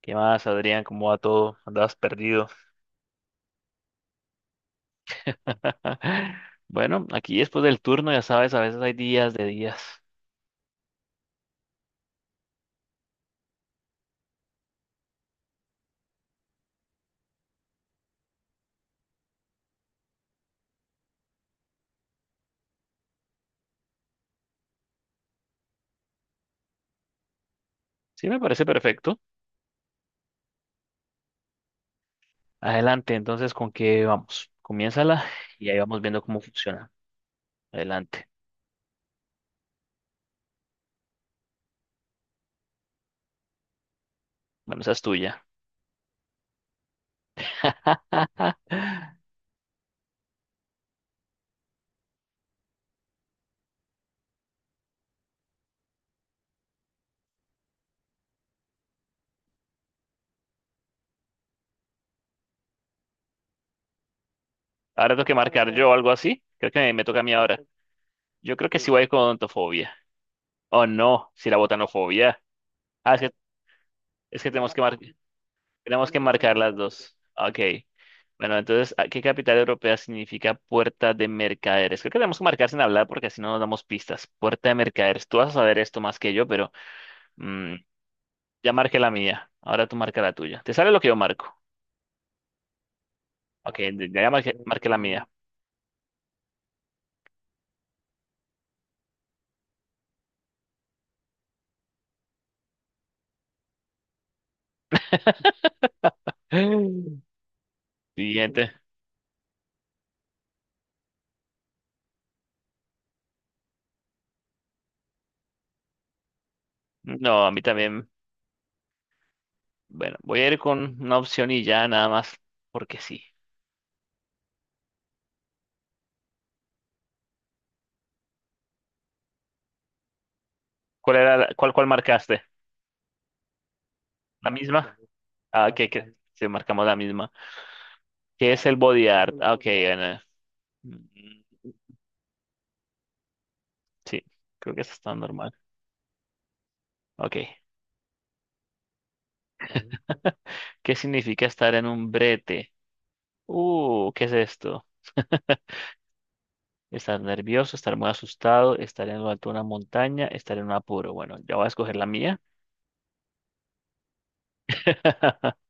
¿Qué más, Adrián? ¿Cómo va todo? Andabas perdido. Bueno, aquí después del turno, ya sabes, a veces hay días de días. Sí, me parece perfecto. Adelante, entonces, ¿con qué vamos? Comiénzala y ahí vamos viendo cómo funciona. Adelante. Bueno, esa es tuya. Ahora tengo que marcar yo algo así. Creo que me toca a mí ahora. Yo creo que sí voy con ontofobia. Oh, no, si la botanofobia. Ah, es que tenemos que marcar. Tenemos que marcar las dos. Ok. Bueno, entonces, ¿qué capital europea significa puerta de mercaderes? Creo que tenemos que marcar sin hablar porque así no nos damos pistas. Puerta de mercaderes. Tú vas a saber esto más que yo, pero mm, ya marqué la mía. Ahora tú marca la tuya. ¿Te sale lo que yo marco? Ok, ya marqué, marqué la mía. Siguiente. No, a mí también. Bueno, voy a ir con una opción y ya nada más porque sí. ¿Cuál era cuál, cuál marcaste? ¿La misma? Ah, ok, que sí, marcamos la misma. ¿Qué es el body art? Ah, ok, bueno. Mm. Sí, creo que eso está normal. Ok. ¿Qué significa estar en un brete? ¿Qué es esto? Estar nervioso, estar muy asustado, estar en lo alto de una montaña, estar en un apuro. Bueno, ya voy a escoger la mía.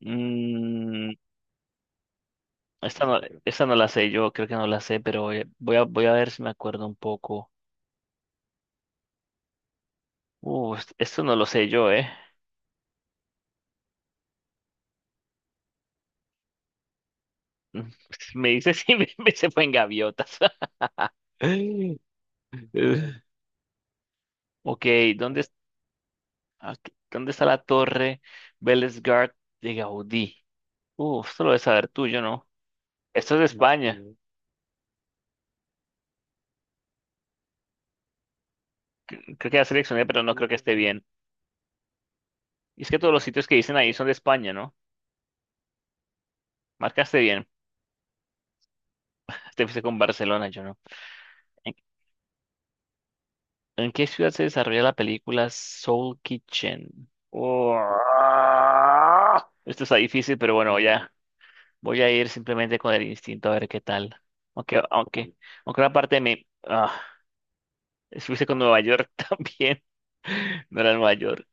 Mm, esta no, esta no la sé, yo creo que no la sé, pero voy a ver si me acuerdo un poco. Esto no lo sé yo, ¿eh? Me dice si me se fue en gaviotas. Ok, ¿dónde, aquí, ¿dónde está la torre Bellesgard de Gaudí? Uf, esto lo debes saber tú, yo no. Esto es de No España. Creo que ya seleccioné, pero no creo que esté bien. Y es que todos los sitios que dicen ahí son de España, ¿no? Marcaste bien. Te fuiste con Barcelona, yo no. ¿En, ¿en qué ciudad se desarrolla la película Soul Kitchen? Oh, esto está difícil, pero bueno, ya. Voy a ir simplemente con el instinto a ver qué tal. Aunque, aunque, aunque una parte de mí. Estuviste con Nueva York también. No era Nueva York.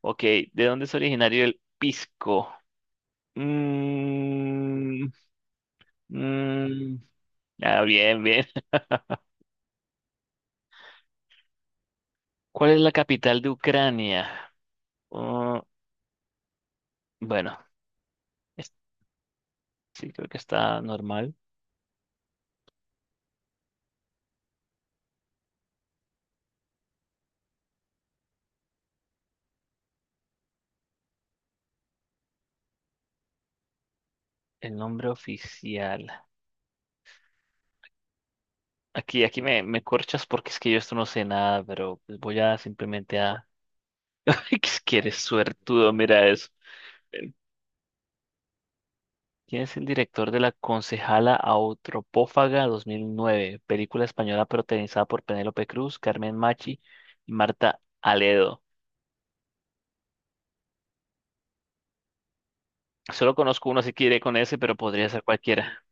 Ok, ¿de dónde es originario el pisco? Mm, mm, ah, bien, bien. ¿Cuál es la capital de Ucrania? Oh, bueno, es- sí, creo que está normal. El nombre oficial. Aquí, me corchas porque es que yo esto no sé nada, pero pues voy a simplemente a... Es que eres suertudo, mira eso. ¿Quién es el director de La Concejala Autropófaga 2009? Película española protagonizada por Penélope Cruz, Carmen Machi y Marta Aledo. Solo conozco uno, así que iré con ese, pero podría ser cualquiera.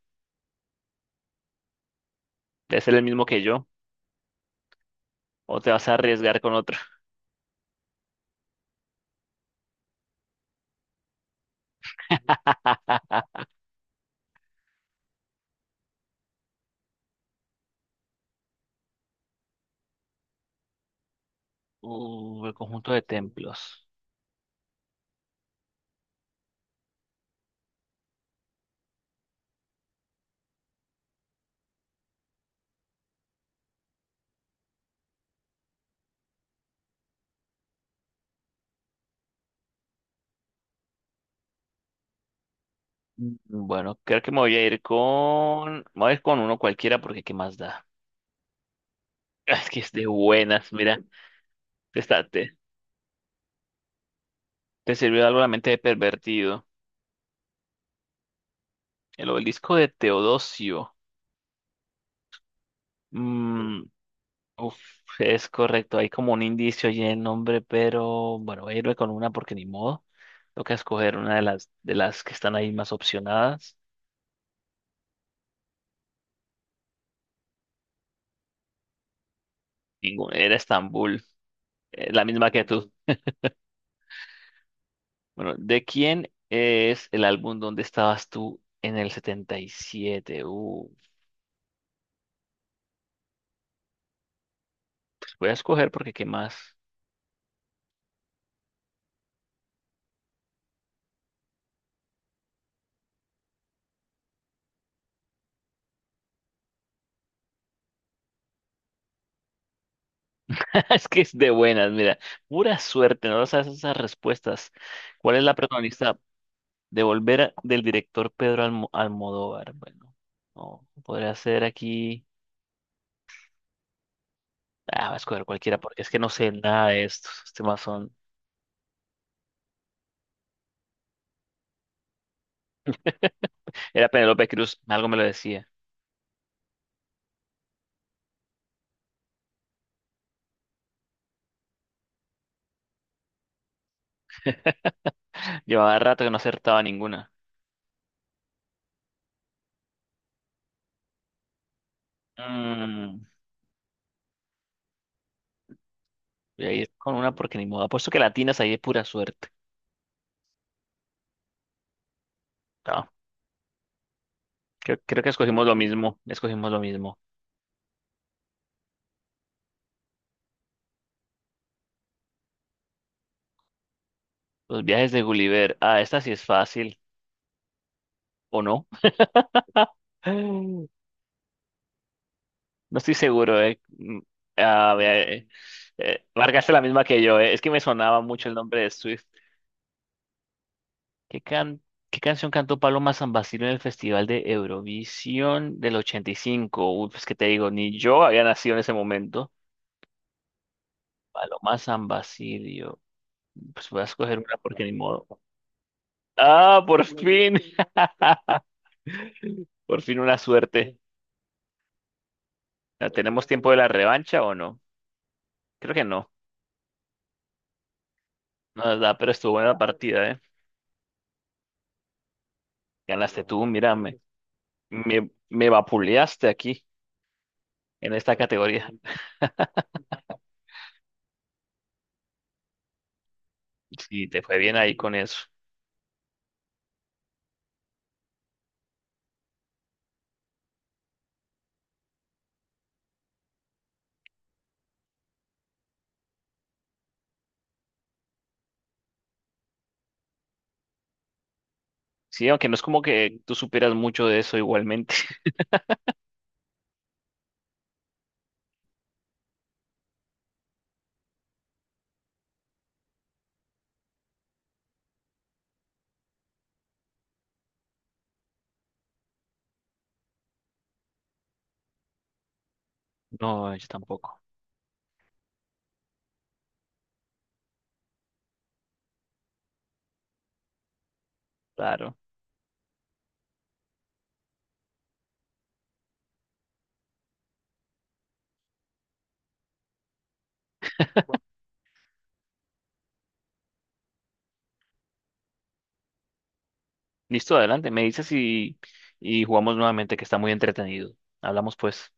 Debe ser el mismo que yo, o te vas a arriesgar con otro. El conjunto de templos. Mm, bueno, creo que me voy a ir con... me voy a ir con uno cualquiera porque ¿qué más da? Ah, es que es de buenas, mira. Te, está- te, te sirvió algo la mente de pervertido. El obelisco de Teodosio. Uf, es correcto, hay como un indicio allí en el nombre, pero bueno, voy a irme con una porque ni modo. Toca escoger una de las que están ahí más opcionadas. Ninguna, era Estambul, la misma que tú. Bueno, ¿de quién es el álbum donde estabas tú en el 77? Voy a escoger porque qué más. Es que es de buenas, mira, pura suerte, no sabes esas respuestas. ¿Cuál es la protagonista? Devolver del director Almodóvar. Bueno, no, podría ser aquí. Ah, va a escoger cualquiera porque es que no sé nada de estos. Estos temas son. Era Penélope Cruz, algo me lo decía. Llevaba rato que no acertaba ninguna. Mm, voy a ir con una porque ni modo. Apuesto que latinas ahí de pura suerte. No, creo que escogimos lo mismo. Escogimos lo mismo. Los viajes de Gulliver. Ah, esta sí es fácil. ¿O no? No estoy seguro, eh. Mm, a ver, marcaste la misma que yo, eh. Es que me sonaba mucho el nombre de Swift. ¿Qué qué canción cantó Paloma San Basilio en el Festival de Eurovisión del 85? Uy, pues que te digo, ni yo había nacido en ese momento. Paloma San Basilio. Pues voy a escoger una porque ni modo. Ah, por fin. Por fin una suerte. Ah, ¿tenemos tiempo de la revancha o no? Creo que no. No, da, pero estuvo buena la partida, ¿eh? Ganaste tú, mírame. Me vapuleaste aquí, en esta categoría. Sí, te fue bien ahí con eso. Sí, aunque no es como que tú superas mucho de eso igualmente. No, yo tampoco. Claro. Listo, adelante. Me dices y jugamos nuevamente, que está muy entretenido. Hablamos pues.